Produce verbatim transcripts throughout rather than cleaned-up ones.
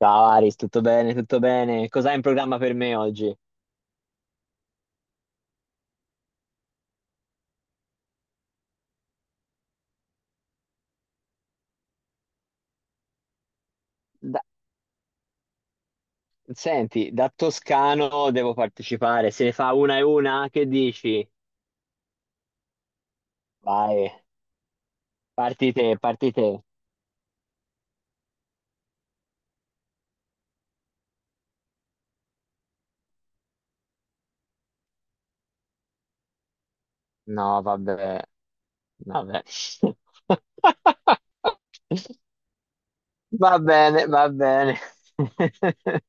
Ciao Aris, tutto bene, tutto bene. Cos'hai in programma per me oggi? Da- Senti, da toscano devo partecipare. Se ne fa una e una, che dici? Vai, parti te, parti te. No, vabbè, vabbè. Va bene, va bene.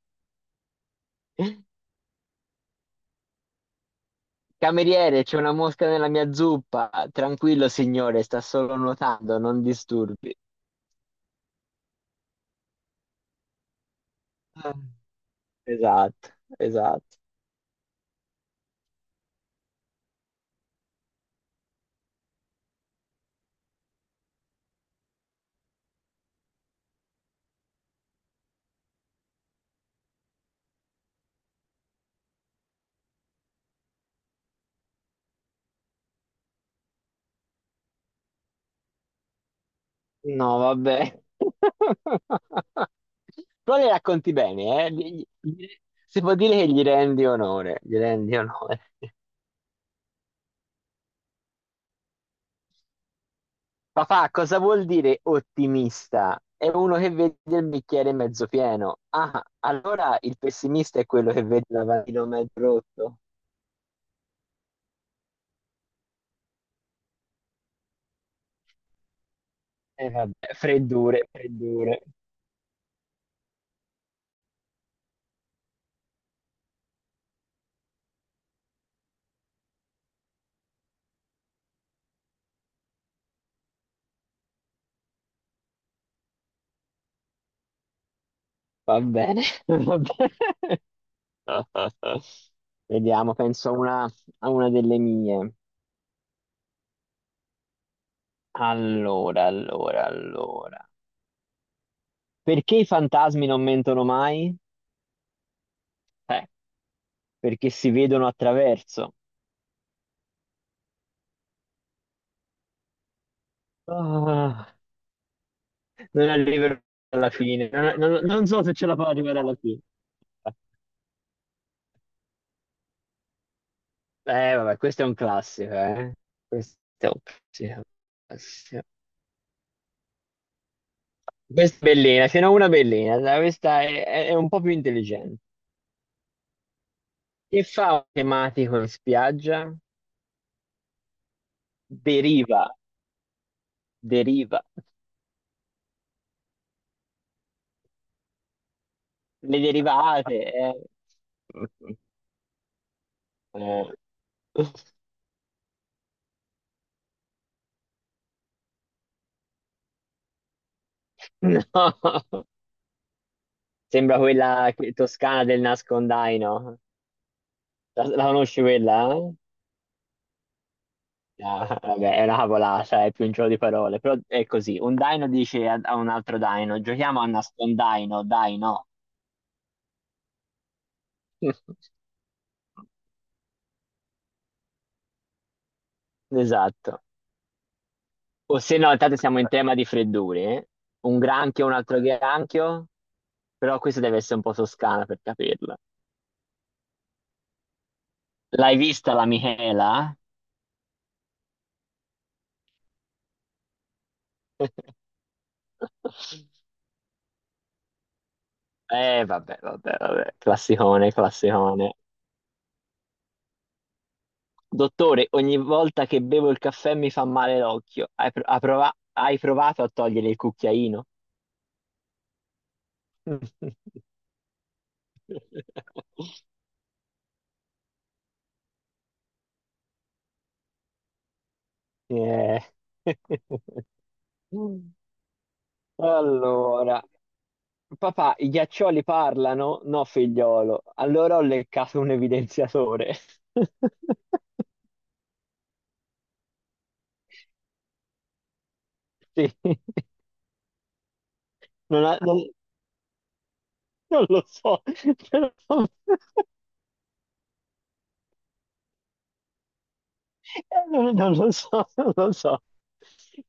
Cameriere, c'è una mosca nella mia zuppa. Tranquillo, signore, sta solo nuotando, non disturbi. Ah. Esatto, esatto. No, vabbè. Però le racconti bene, eh? Gli- gli- Si può dire che gli rendi onore, gli rendi onore. Papà, cosa vuol dire ottimista? È uno che vede il bicchiere mezzo pieno. Ah, allora il pessimista è quello che vede il lavandino mezzo rotto. E vabbè, freddure, freddure. Va bene, va bene. Vediamo, penso a una, a una delle mie. Allora, allora, allora. Perché i fantasmi non mentono mai? Eh, Perché si vedono attraverso. Ah, non arriverò alla fine. Non, non- non so se ce la fa arrivare alla fine. Eh, vabbè, questo è un classico, eh. Questo è un classico. Classico. Questa è bellina, ce n'è una bellina. Dai, questa è, è- è un po' più intelligente. Che fa un tematico in spiaggia? Deriva, deriva. Le derivate, eh. Eh. No, sembra quella che- toscana del nascondaino. La, la conosci quella, eh? Ah, vabbè, è una cavolata, è più un gioco di parole, però è così. Un daino dice a, a un altro daino, giochiamo a nascondaino, dai no. Esatto. O se no, intanto siamo in tema di freddure, eh. Un granchio, un altro granchio, però questa deve essere un po' toscana per capirla. L'hai vista la Michela? Eh, vabbè, vabbè, vabbè, classicone, classicone. Dottore, ogni volta che bevo il caffè mi fa male l'occhio. Hai, pro- ha prova- hai provato a togliere il cucchiaino? Eh. Allora, papà, i ghiaccioli parlano? No, figliolo. Allora ho leccato un evidenziatore. Sì, non, ha- non- non lo so, non, non lo so, non lo so,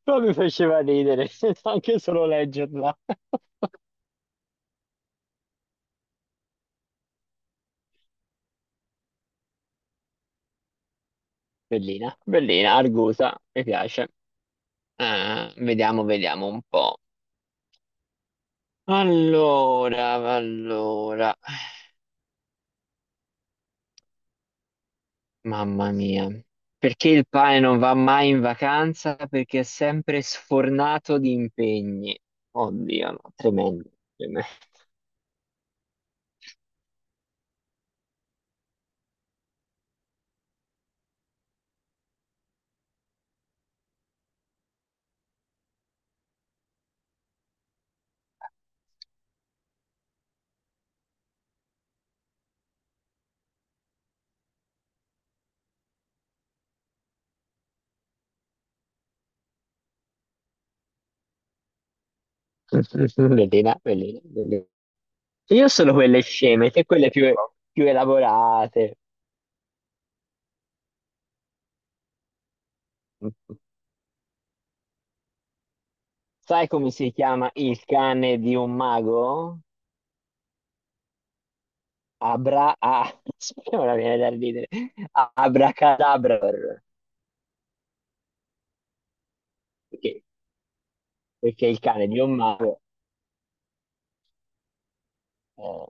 però mi faceva ridere, anche solo leggerla. Bellina, bellina, argusa, mi piace. Ah, vediamo, vediamo un po'. Allora, allora, mamma mia. Perché il pane non va mai in vacanza? Perché è sempre sfornato di impegni. Oddio, no, tremendo, tremendo. Bellina, bellina, bellina. Io solo quelle sceme, te quelle più, più elaborate. Sai come si chiama il cane di un mago? Abra... ah, ora viene da ridere. Abracadabra. Perché? Perché il cane di un mago... eh,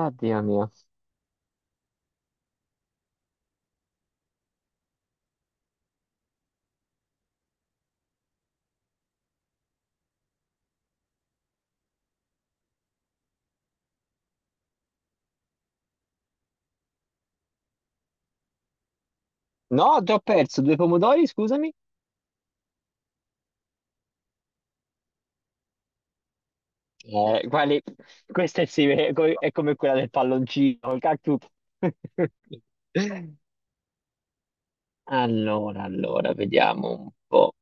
oddio mio. No, ti ho perso due pomodori, scusami. Eh, quali... questa è, simile- co- è come quella del palloncino, il cactus. Allora, allora, vediamo un po'.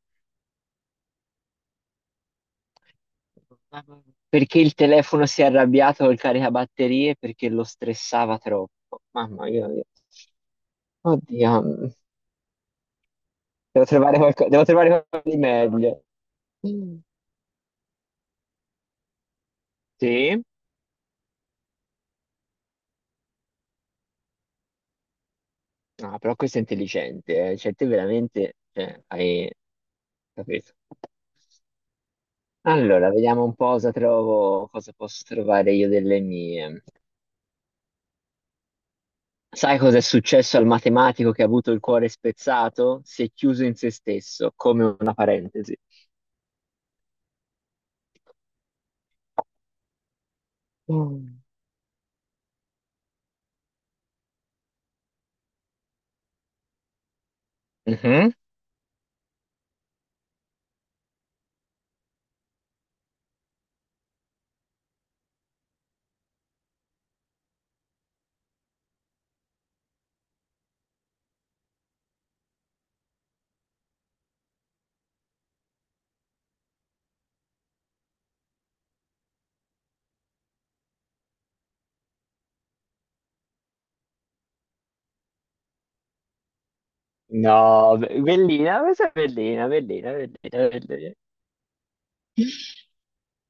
Perché il telefono si è arrabbiato col caricabatterie? Perché lo stressava troppo. Mamma mia. Oddio. Devo trovare qualco- devo trovare qualcosa di meglio. Sì? Ah, però questo è intelligente, eh. Cioè, te veramente, cioè, hai capito. Allora, vediamo un po' cosa trovo, cosa posso trovare io delle mie. Sai cosa è successo al matematico che ha avuto il cuore spezzato? Si è chiuso in se stesso, come una parentesi. Mm. Mhm. No, be- bellina, questa è bellina, bellina, bellina, bellina.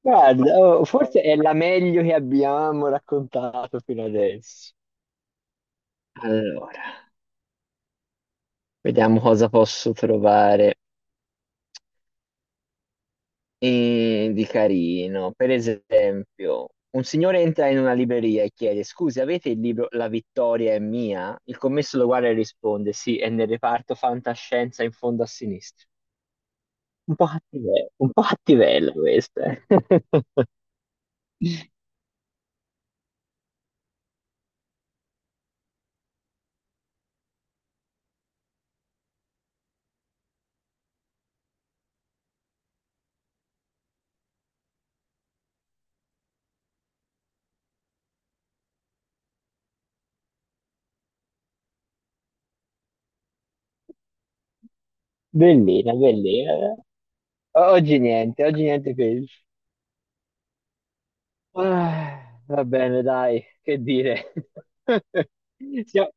Guarda, oh, forse è la meglio che abbiamo raccontato fino adesso. Allora, vediamo cosa posso trovare, eh, di carino. Per esempio, un signore entra in una libreria e chiede: scusi, avete il libro "La vittoria è mia"? Il commesso lo guarda e risponde: sì, è nel reparto fantascienza in fondo a sinistra. Un po' cattive- un po' cattivella questa, eh. Bellina, bellina. Oggi niente, oggi niente peggio. Ah, va bene, dai, che dire. Sia-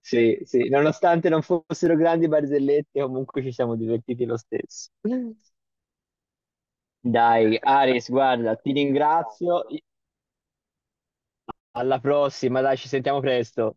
Sì, sì, nonostante non fossero grandi barzellette, comunque ci siamo divertiti lo stesso. Dai, Aris, guarda, ti ringrazio. Alla prossima, dai, ci sentiamo presto.